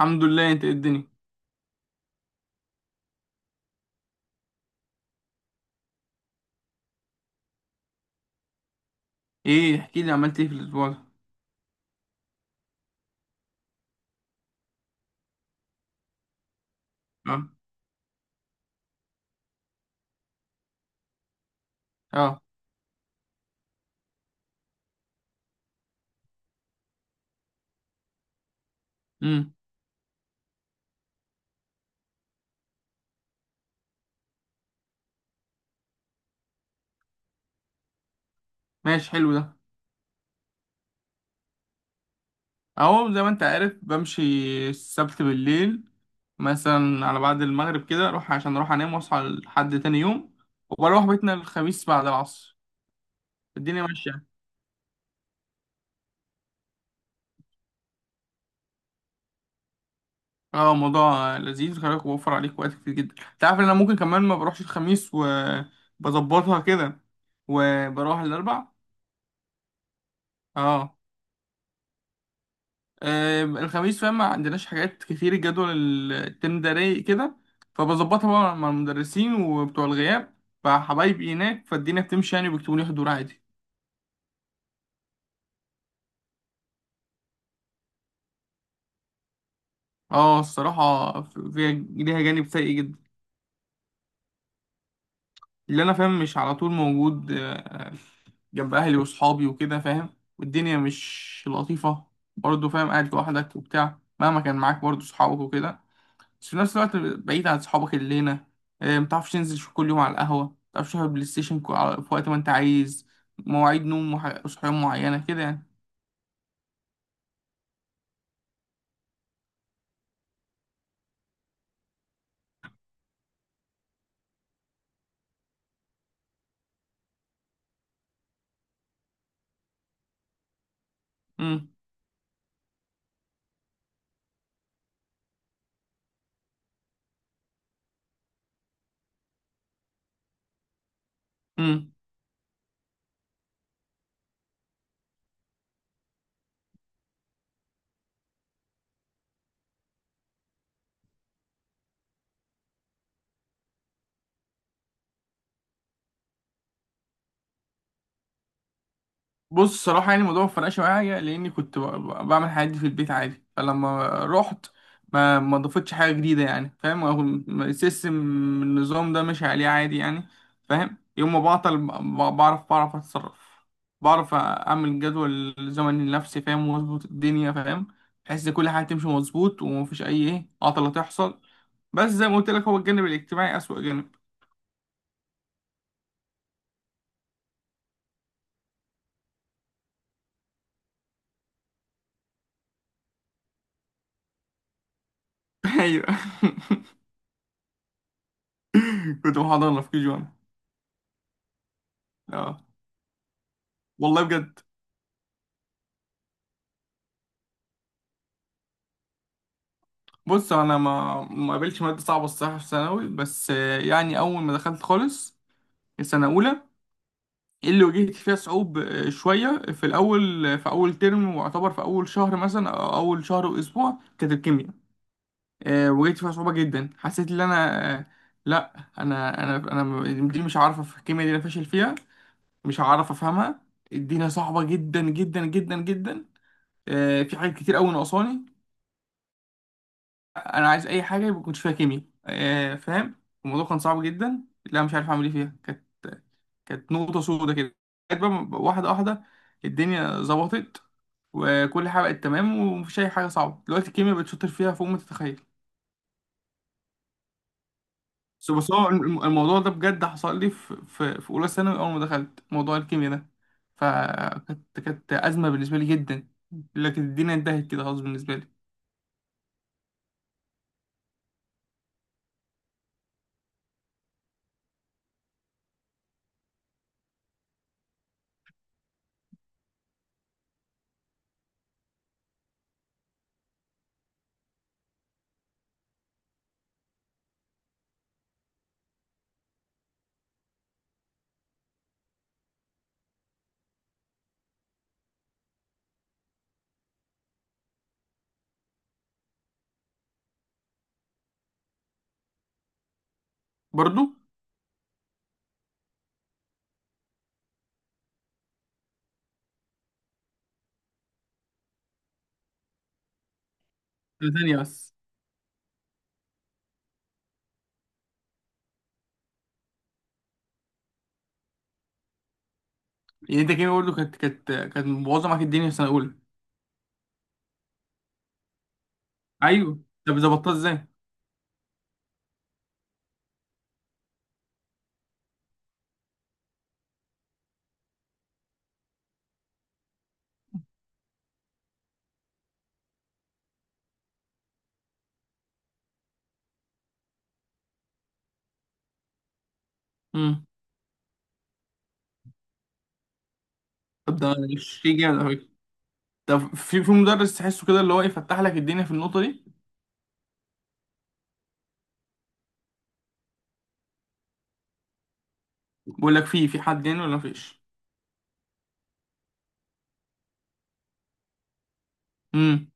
الحمد لله، انت، ايه الدنيا؟ ايه، احكي لي، عملت ايه في الاسبوع ده؟ اه. اه. امم. ماشي، حلو ده. اهو، زي ما انت عارف، بمشي. السبت بالليل. مثلا على بعد المغرب كده اروح، عشان اروح انام واصحى لحد تاني يوم. وبروح بيتنا الخميس بعد العصر. الدنيا ماشيه. اه، موضوع لذيذ. خلي بالك، بوفر عليك وقت كتير جدا. انت عارف ان انا ممكن كمان ما بروحش الخميس وبظبطها كده. وبروح الاربع. اه. الخميس، فاهم، ما عندناش حاجات كتير. الجدول الترم ده رايق كده. فبظبطها بقى مع المدرسين وبتوع الغياب. فحبايبي هناك، فالدنيا بتمشي يعني، وبيكتبوا لي حضور عادي. اه، الصراحة فيها، ليها جانب سيء جدا. اللي انا فاهم مش على طول موجود. جنب اهلي واصحابي وكده، فاهم، والدنيا مش لطيفة. برضه فاهم، قاعد لوحدك وبتاع، مهما كان معاك برضه صحابك وكده. بس في نفس الوقت بعيد عن صحابك الليلة. متعرفش تنزل كل يوم على القهوة، متعرفش تلعب بلاي ستيشن في وقت ما انت عايز. مواعيد نوم وصحيان معينة كده يعني. امم. امم. بص، صراحة يعني، الموضوع ما فرقش معايا لأني كنت بعمل الحاجات دي في البيت عادي. فلما رحت، ما ضافتش حاجة جديدة، يعني فاهم. هو السيستم، النظام ده ماشي عليه عادي يعني. فاهم، يوم ما بعطل بعرف أتصرف. بعرف أعمل جدول زمني لنفسي، فاهم، وأظبط الدنيا، فاهم، بحيث إن كل حاجة تمشي مظبوط ومفيش أي إيه عطلة تحصل. بس زي ما قلت لك، هو الجانب الاجتماعي أسوأ جانب. أيوه. كنت محاضرة في كي جوان. أه. والله بجد. بص، انا ما قابلتش ماده صعبه الصراحه في ثانوي. بس يعني اول ما دخلت خالص، السنه اولى، اللي واجهت فيها صعوب آه، شويه في الاول. في اول ترم، واعتبر في اول شهر مثلا او اول شهر واسبوع، كانت الكيمياء. واجهت فيها صعوبه جدا. حسيت ان انا لا، انا دي مش عارفه في الكيمياء دي، انا فاشل فيها. مش هعرف افهمها. الدنيا صعبه جدا جدا جدا جدا. في حاجات كتير قوي ناقصاني. انا عايز اي حاجه يبقى كنت فيها كيمياء. فاهم. الموضوع كان صعب جدا، لا مش عارف اعمل ايه فيها. كانت نقطه سودة كده. بقيت بقى واحده واحده. الدنيا ظبطت. وكل حاجه بقت تمام، ومفيش اي حاجه صعبه دلوقتي. الكيمياء بقت شاطر فيها فوق ما تتخيل. بس هو الموضوع ده بجد حصل لي في اولى ثانوي، اول ما دخلت موضوع الكيمياء ده. فكانت ازمه بالنسبه لي جدا. لكن الدنيا انتهت كده خلاص بالنسبه لي. برضو. سنة تانية بس. يعني انت كيميا برضه كانت مبوظه معاك الدنيا في سنه اولى. ايوه. طب، ظبطتها ازاي؟ امم. طب ده شيء جامد قوي. طب في مدرس تحسه كده اللي هو يفتح لك الدنيا في النقطه دي؟ بيقول لك في حد يعني، ولا مفيش؟ امم.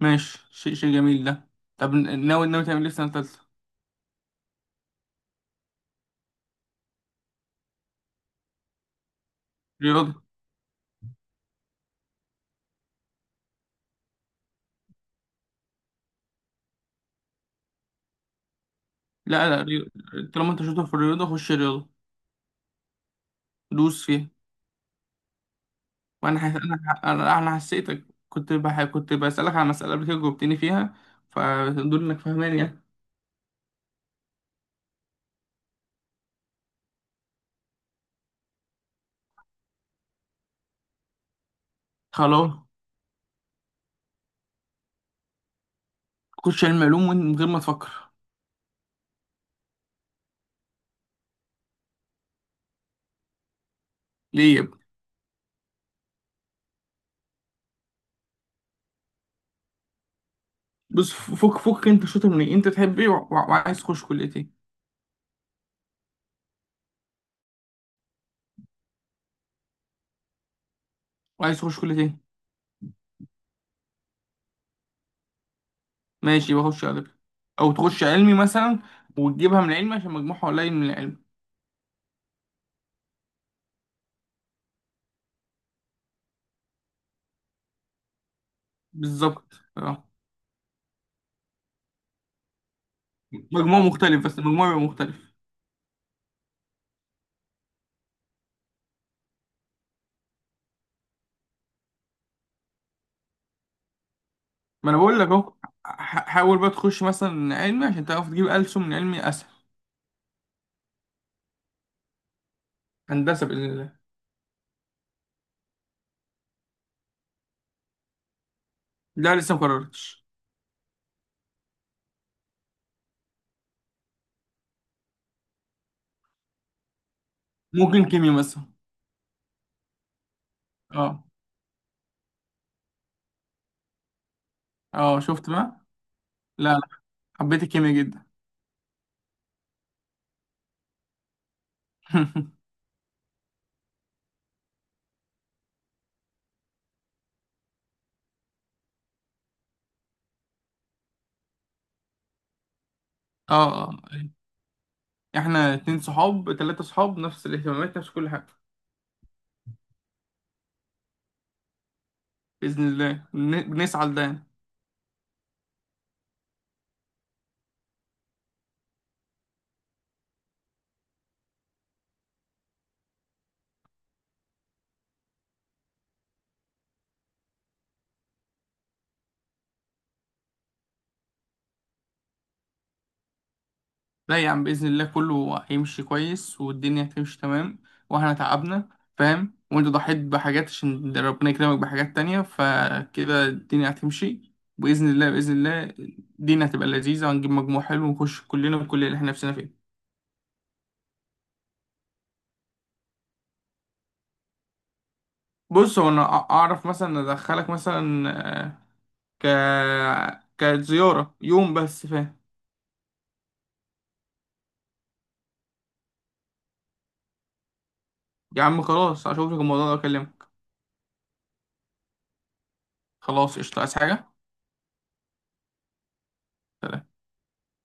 ماشي، شيء جميل ده. طب، ناوي تعمل ايه في سنه ثالثه؟ رياضه. لا، لا، طالما انت شاطر في الرياضه، خش رياضه، دوس فيها. وانا حس... انا انا حسيتك كنت كنت بسالك على مساله قبل كده جاوبتني فيها. فدول انك فاهمان يعني. خلاص. خش علم علوم من غير ما تفكر. ليه يا ابني؟ بص، فك انت شاطر من ايه، انت تحب ايه، وعايز تخش كليه ايه؟ وعايز تخش كليه ايه؟ ماشي، بخش ادبي. او تخش علمي مثلا، وتجيبها من العلم عشان مجموعها قليل من العلم. بالظبط، اه. مجموع مختلف، بس المجموع بيبقى مختلف. ما انا بقول لك اهو. حاول بقى تخش مثلا علمي عشان تعرف تجيب ألسن من علمي اسهل. هندسه باذن الله. لا، لسه ما قررتش. ممكن كيميا مثلا. اه، اه، شفت بقى. لا، لا. حبيت الكيميا جدا. اه، اه. احنا اتنين صحاب تلاتة صحاب، نفس الاهتمامات، نفس كل حاجة. بإذن الله، بنسعى لده يعني. لا يا عم، بإذن الله كله هيمشي كويس، والدنيا هتمشي تمام. واحنا تعبنا، فاهم، وانت ضحيت بحاجات عشان ربنا يكرمك بحاجات تانية، فكده الدنيا هتمشي. بإذن الله، بإذن الله. الدنيا هتبقى لذيذة، وهنجيب مجموع حلو، ونخش كلنا الكلية اللي احنا نفسنا فيها. بص، هو انا اعرف مثلا ادخلك مثلا، آه، ك كزيارة يوم بس فاهم. يا عم خلاص، اشوفك الموضوع ده واكلمك. خلاص، قشطة، عايز حاجة؟ سلام.